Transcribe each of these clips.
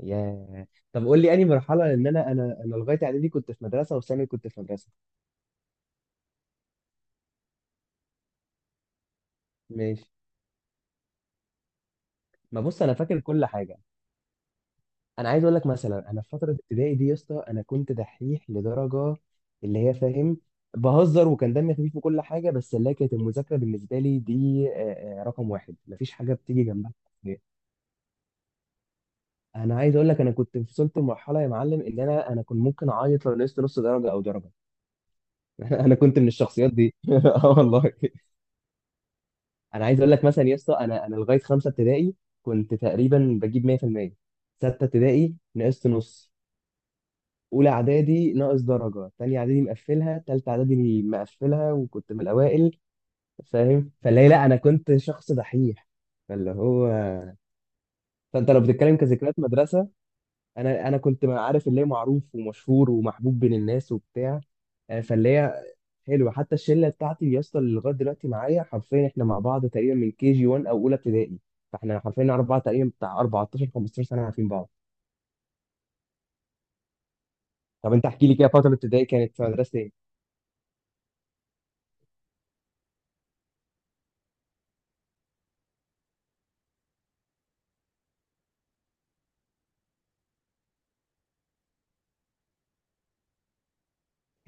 ياه. طب قول لي انهي مرحله، لان انا لغايه اعدادي كنت في مدرسه وثانوي كنت في مدرسه. ماشي. ما بص، انا فاكر كل حاجه. انا عايز اقول لك مثلا، انا في فتره ابتدائي دي يا اسطى انا كنت دحيح لدرجه اللي هي فاهم، بهزر وكان دمي خفيف وكل حاجه، بس اللي هي كانت المذاكره بالنسبه لي دي رقم واحد، مفيش حاجه بتيجي جنبها. انا عايز اقول لك انا كنت وصلت لمرحله يا معلم ان انا كنت ممكن اعيط لو نقصت نص درجه او درجه. انا كنت من الشخصيات دي. اه والله. انا عايز اقول لك مثلا يا اسطى، انا لغايه خمسه ابتدائي كنت تقريبا بجيب 100%. سته ابتدائي نقصت نص. اولى اعدادي ناقص درجه، تانية اعدادي مقفلها، تالتة اعدادي مقفلها، وكنت من الاوائل. فاهم؟ فاللي هي لا، انا كنت شخص دحيح. فاللي هو، فانت لو بتتكلم كذكريات مدرسه، انا كنت، ما عارف، اللي هي معروف ومشهور ومحبوب بين الناس وبتاع. فاللي هي حلوه. حتى الشله بتاعتي يا اسطى اللي لغايه دلوقتي معايا، حرفيا احنا مع بعض تقريبا من كي جي 1 او اولى ابتدائي. فاحنا حرفيا نعرف بعض تقريبا بتاع 14 15 سنه عارفين بعض. طب انت احكي لي كده، فتره ابتدائي كانت في مدرسه ايه؟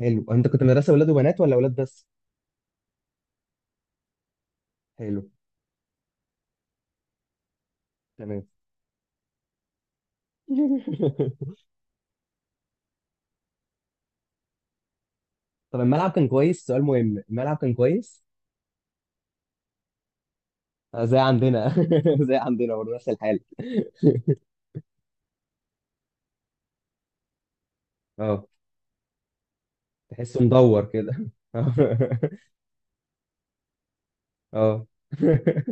حلو. انت كنت مدرسه ولاد وبنات ولا ولاد بس؟ حلو. تمام. طب الملعب كان كويس؟ سؤال مهم، الملعب كان كويس؟ زي عندنا. زي عندنا برضه، نفس الحال. اه، تحسه مدور كده. اه.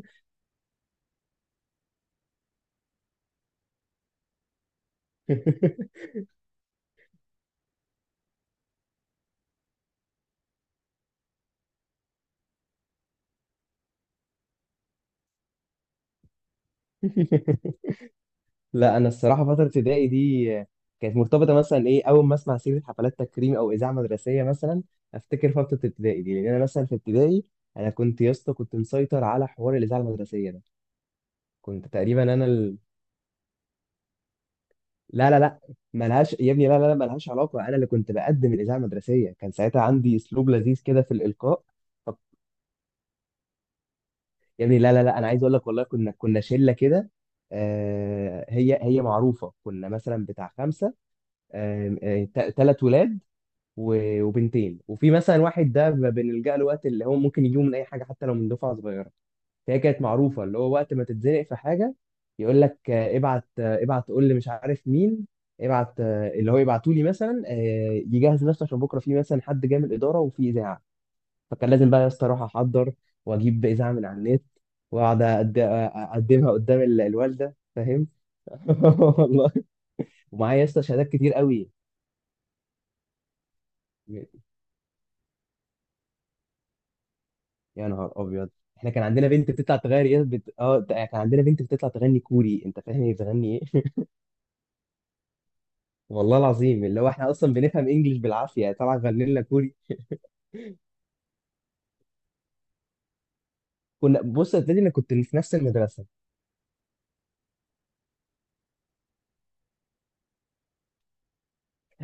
لا، انا الصراحه فتره ابتدائي دي كانت مرتبطه مثلا، ايه، اول ما اسمع سيره حفلات تكريم او اذاعه مدرسيه مثلا افتكر فتره ابتدائي دي، لان انا مثلا في ابتدائي انا كنت يا اسطى كنت مسيطر على حوار الاذاعه المدرسيه ده. كنت تقريبا انا ال... لا ملهاش، يا ابني لا ملهاش علاقه. انا اللي كنت بقدم الاذاعه المدرسيه، كان ساعتها عندي اسلوب لذيذ كده في الالقاء. يا ابني لا، انا عايز اقول لك والله كنا شله كده، آه، هي معروفه. كنا مثلا بتاع خمسه، ثلاث ولاد وبنتين، وفي مثلا واحد ده بنلجأ له وقت اللي هو ممكن يجيبه من اي حاجه حتى لو من دفعه صغيره. فهي كانت معروفه اللي هو وقت ما تتزنق في حاجه، يقول لك ابعت، ابعت قول لي مش عارف مين، ابعت، اللي هو يبعتوا لي مثلا، يجهز نفسه عشان بكره في مثلا حد جاي من الاداره وفي اذاعه. فكان لازم بقى يا اسطى اروح احضر واجيب اذاعه من على النت واقعد اقدمها قدام الوالده. فاهم؟ والله. ومعايا يا اسطى شهادات كتير قوي. يا نهار ابيض، احنا كان عندنا بنت بتطلع تغني يا بت... اه كان عندنا بنت بتطلع تغني كوري. انت فاهم هي بتغني ايه؟ والله العظيم اللي هو احنا اصلا بنفهم انجلش بالعافيه، طلع غني لنا كوري. كنا، بص يا ابتدي، انا كنت في نفس المدرسه.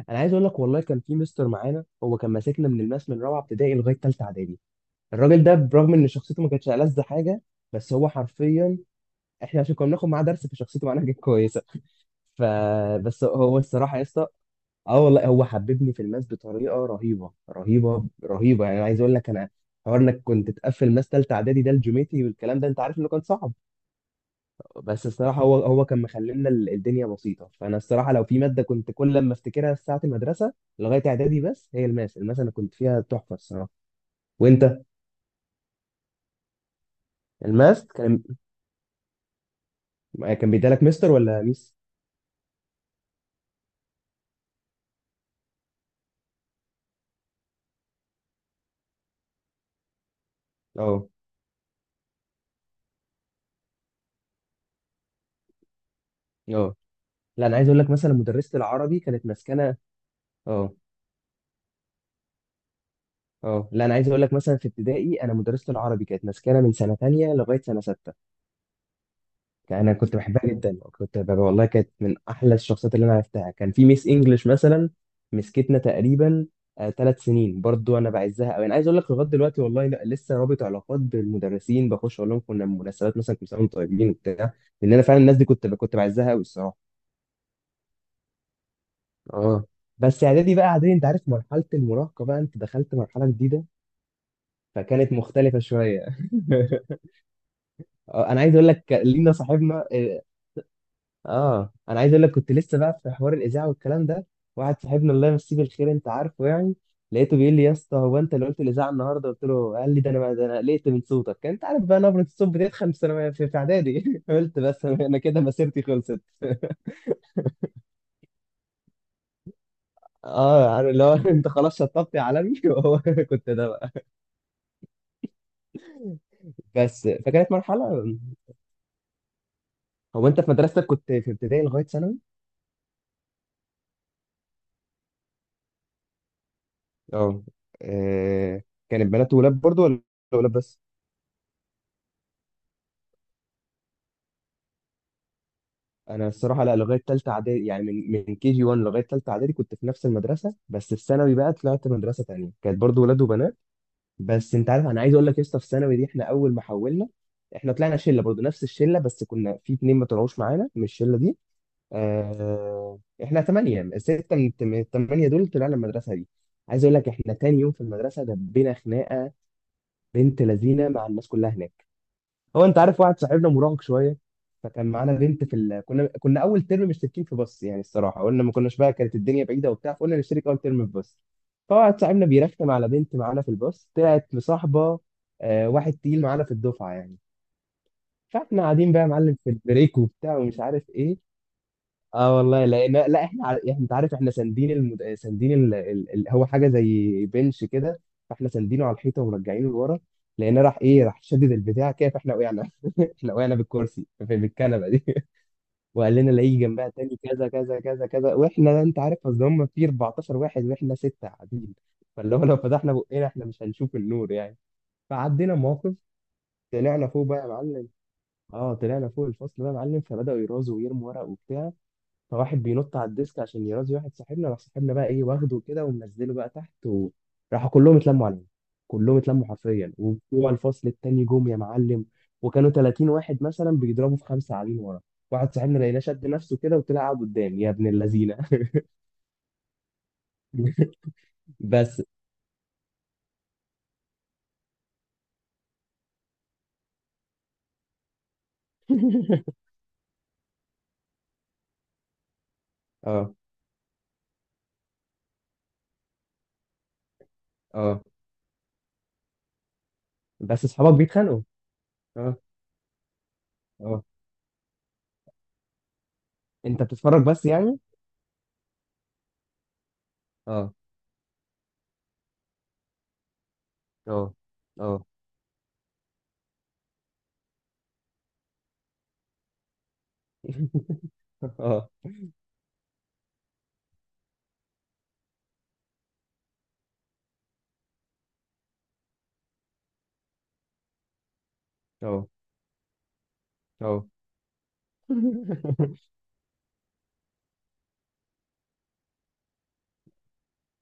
انا عايز اقول لك والله كان في مستر معانا، هو كان ماسكنا من الماس من رابعه ابتدائي لغايه ثالثه اعدادي. الراجل ده برغم ان شخصيته ما كانتش ألذ حاجه، بس هو حرفيا، احنا عشان كنا بناخد معاه درس فشخصيته معناها كانت كويسه. فبس هو الصراحه يا اسطى، اه والله، حببني في الماس بطريقه رهيبه رهيبه رهيبه. يعني عايز اقول لك انا، حوار انك كنت تقفل ماس ثالثه اعدادي ده، الجيومتري والكلام ده انت عارف انه كان صعب، بس الصراحه هو كان مخلينا الدنيا بسيطه. فانا الصراحه لو في ماده كنت كل لما افتكرها في ساعه المدرسه لغايه اعدادي، بس هي الماس. الماس انا كنت فيها تحفه الصراحه. وانت؟ الماس كان، كان بيدالك مستر ولا ميس؟ اه اه. لا، انا عايز اقول لك مثلا مدرسه العربي كانت مسكنه. اه اه. لا، انا عايز اقول لك مثلا في ابتدائي انا مدرسه العربي كانت مسكنه من سنه تانية لغايه سنه سته. انا كنت بحبها جدا، كنت ببقى والله كانت من احلى الشخصيات اللي انا عرفتها. كان في ميس انجلش مثلا مسكتنا تقريبا ثلاث سنين برضو، انا بعزها قوي. انا عايز اقول لك لغايه دلوقتي والله لا لسه رابط علاقات بالمدرسين، بخش اقول لهم كنا مناسبات مثلا، كنا طيبين وبتاع. لان انا فعلا الناس دي كنت بعزها قوي الصراحه. اه. بس اعدادي بقى، اعدادي انت عارف مرحله المراهقه بقى، انت دخلت مرحله جديده، فكانت مختلفه شويه. انا عايز اقول لك لينا صاحبنا، اه، انا عايز اقول لك كنت لسه بقى في حوار الاذاعه والكلام ده. واحد صاحبنا الله يمسيه بالخير، انت عارفه يعني، لقيته بيقول لي يا اسطى هو انت اللي قلت الاذاعه النهارده؟ قلت له، قال لي ده انا، ده انا قلقت من صوتك. انت عارف بقى نبره الصوت بتدخل في ثانوي، في اعدادي. قلت بس انا، أنا كده مسيرتي خلصت. اه عارف اللي هو، انت خلاص شطبت يا عالمي. وهو كنت ده بقى. بس فكانت مرحله. هو انت في مدرستك كنت في ابتدائي لغايه ثانوي؟ اه. آه، كانت بنات وولاد برضو ولا ولاد بس؟ انا الصراحه لا، لغايه ثالثه اعدادي يعني من كي جي 1 لغايه ثالثه اعدادي كنت في نفس المدرسه، بس في ثانوي بقى طلعت مدرسه تانية كانت برضو ولاد وبنات. بس انت عارف، انا عايز اقول لك يا اسطى، في ثانوي دي احنا اول ما حولنا، احنا طلعنا شله برضو نفس الشله، بس كنا في اتنين ما طلعوش معانا من الشله دي. آه، احنا ثمانيه، سته من الثمانيه دول طلعنا المدرسه دي. عايز اقول لك احنا تاني يوم في المدرسه دبينا خناقه. بنت لذينه مع الناس كلها هناك. هو انت عارف واحد صاحبنا مراهق شويه، فكان معانا بنت في ال... كنا اول ترم مشتركين في باص، يعني الصراحه قلنا ما كناش بقى، كانت الدنيا بعيده وبتاع، فقلنا نشترك اول ترم في باص. فواحد صاحبنا بيرخم على بنت معانا في الباص طلعت مصاحبه آه واحد تقيل معانا في الدفعه يعني. فاحنا قاعدين بقى يا معلم في البريك وبتاع ومش عارف ايه. اه والله لقينا، لا احنا احنا انت عارف احنا ساندين المد... ساندين ال... ال... ال... هو حاجه زي بنش كده، فاحنا ساندينه على الحيطه ومرجعينه لورا، لقينا راح ايه، راح شدد البتاع كده فاحنا وقعنا. احنا وقعنا بالكرسي في بالكنبه دي. وقال لنا لاقيه جنبها تاني كذا كذا كذا كذا. واحنا انت عارف اصل هم في 14 واحد واحنا سته قاعدين، فاللي هو لو فتحنا بقنا احنا مش هنشوف النور يعني. فعدينا موقف، طلعنا فوق بقى يا معلم. اه، طلعنا فوق الفصل بقى يا معلم، فبداوا يرازوا ويرموا ورق وبتاع. فواحد بينط على الديسك عشان يرازي واحد صاحبنا، راح صاحبنا بقى ايه واخده كده ومنزله بقى تحت، وراحوا كلهم اتلموا عليه. كلهم اتلموا حرفيا، وبتوع الفصل التاني جم يا معلم. وكانوا 30 واحد مثلا بيضربوا في خمسه قاعدين ورا. واحد صاحبنا لقيناه شد نفسه كده وطلع قاعد قدام يا ابن اللذينه. بس. اه اه. بس اصحابك بيتخانقوا. اه اه. انت بتتفرج بس يعني. اه اه اه. اه اه اه.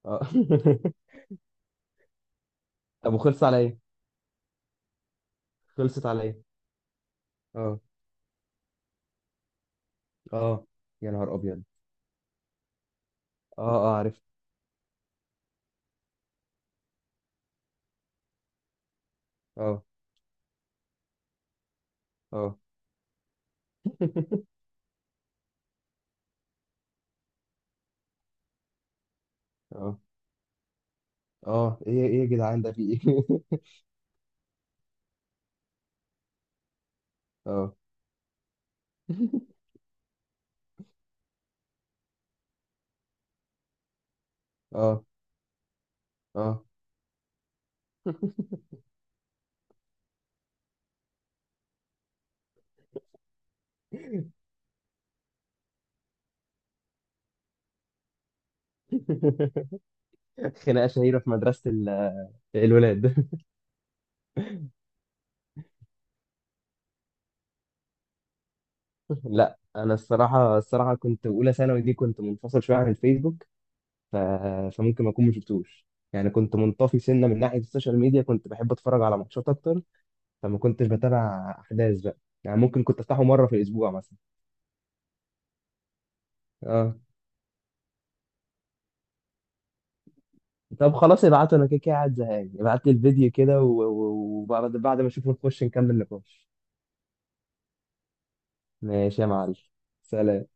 اه. طب وخلص على ايه؟ خلصت على ايه؟ اه اه. يا نهار ابيض. اه اه عرفت. اه اه اه اه. ايه ايه يا جدعان، ده في ايه؟ اه اه اه. خناقه شهيره في مدرسه الولاد. لا انا الصراحه، الصراحه كنت اولى ثانوي دي كنت منفصل شويه عن الفيسبوك، ف... فممكن ما اكون ما شفتوش. يعني كنت منطفي سنه من ناحيه السوشيال ميديا، كنت بحب اتفرج على ماتشات اكتر، فما كنتش بتابع احداث بقى. يعني ممكن كنت افتحه مره في الاسبوع مثلا. اه. طب خلاص ابعته، انا كده كده قاعد زهقان، ابعت لي الفيديو كده وبعد ما اشوفه نخش نكمل نقاش. ماشي يا معلم. سلام.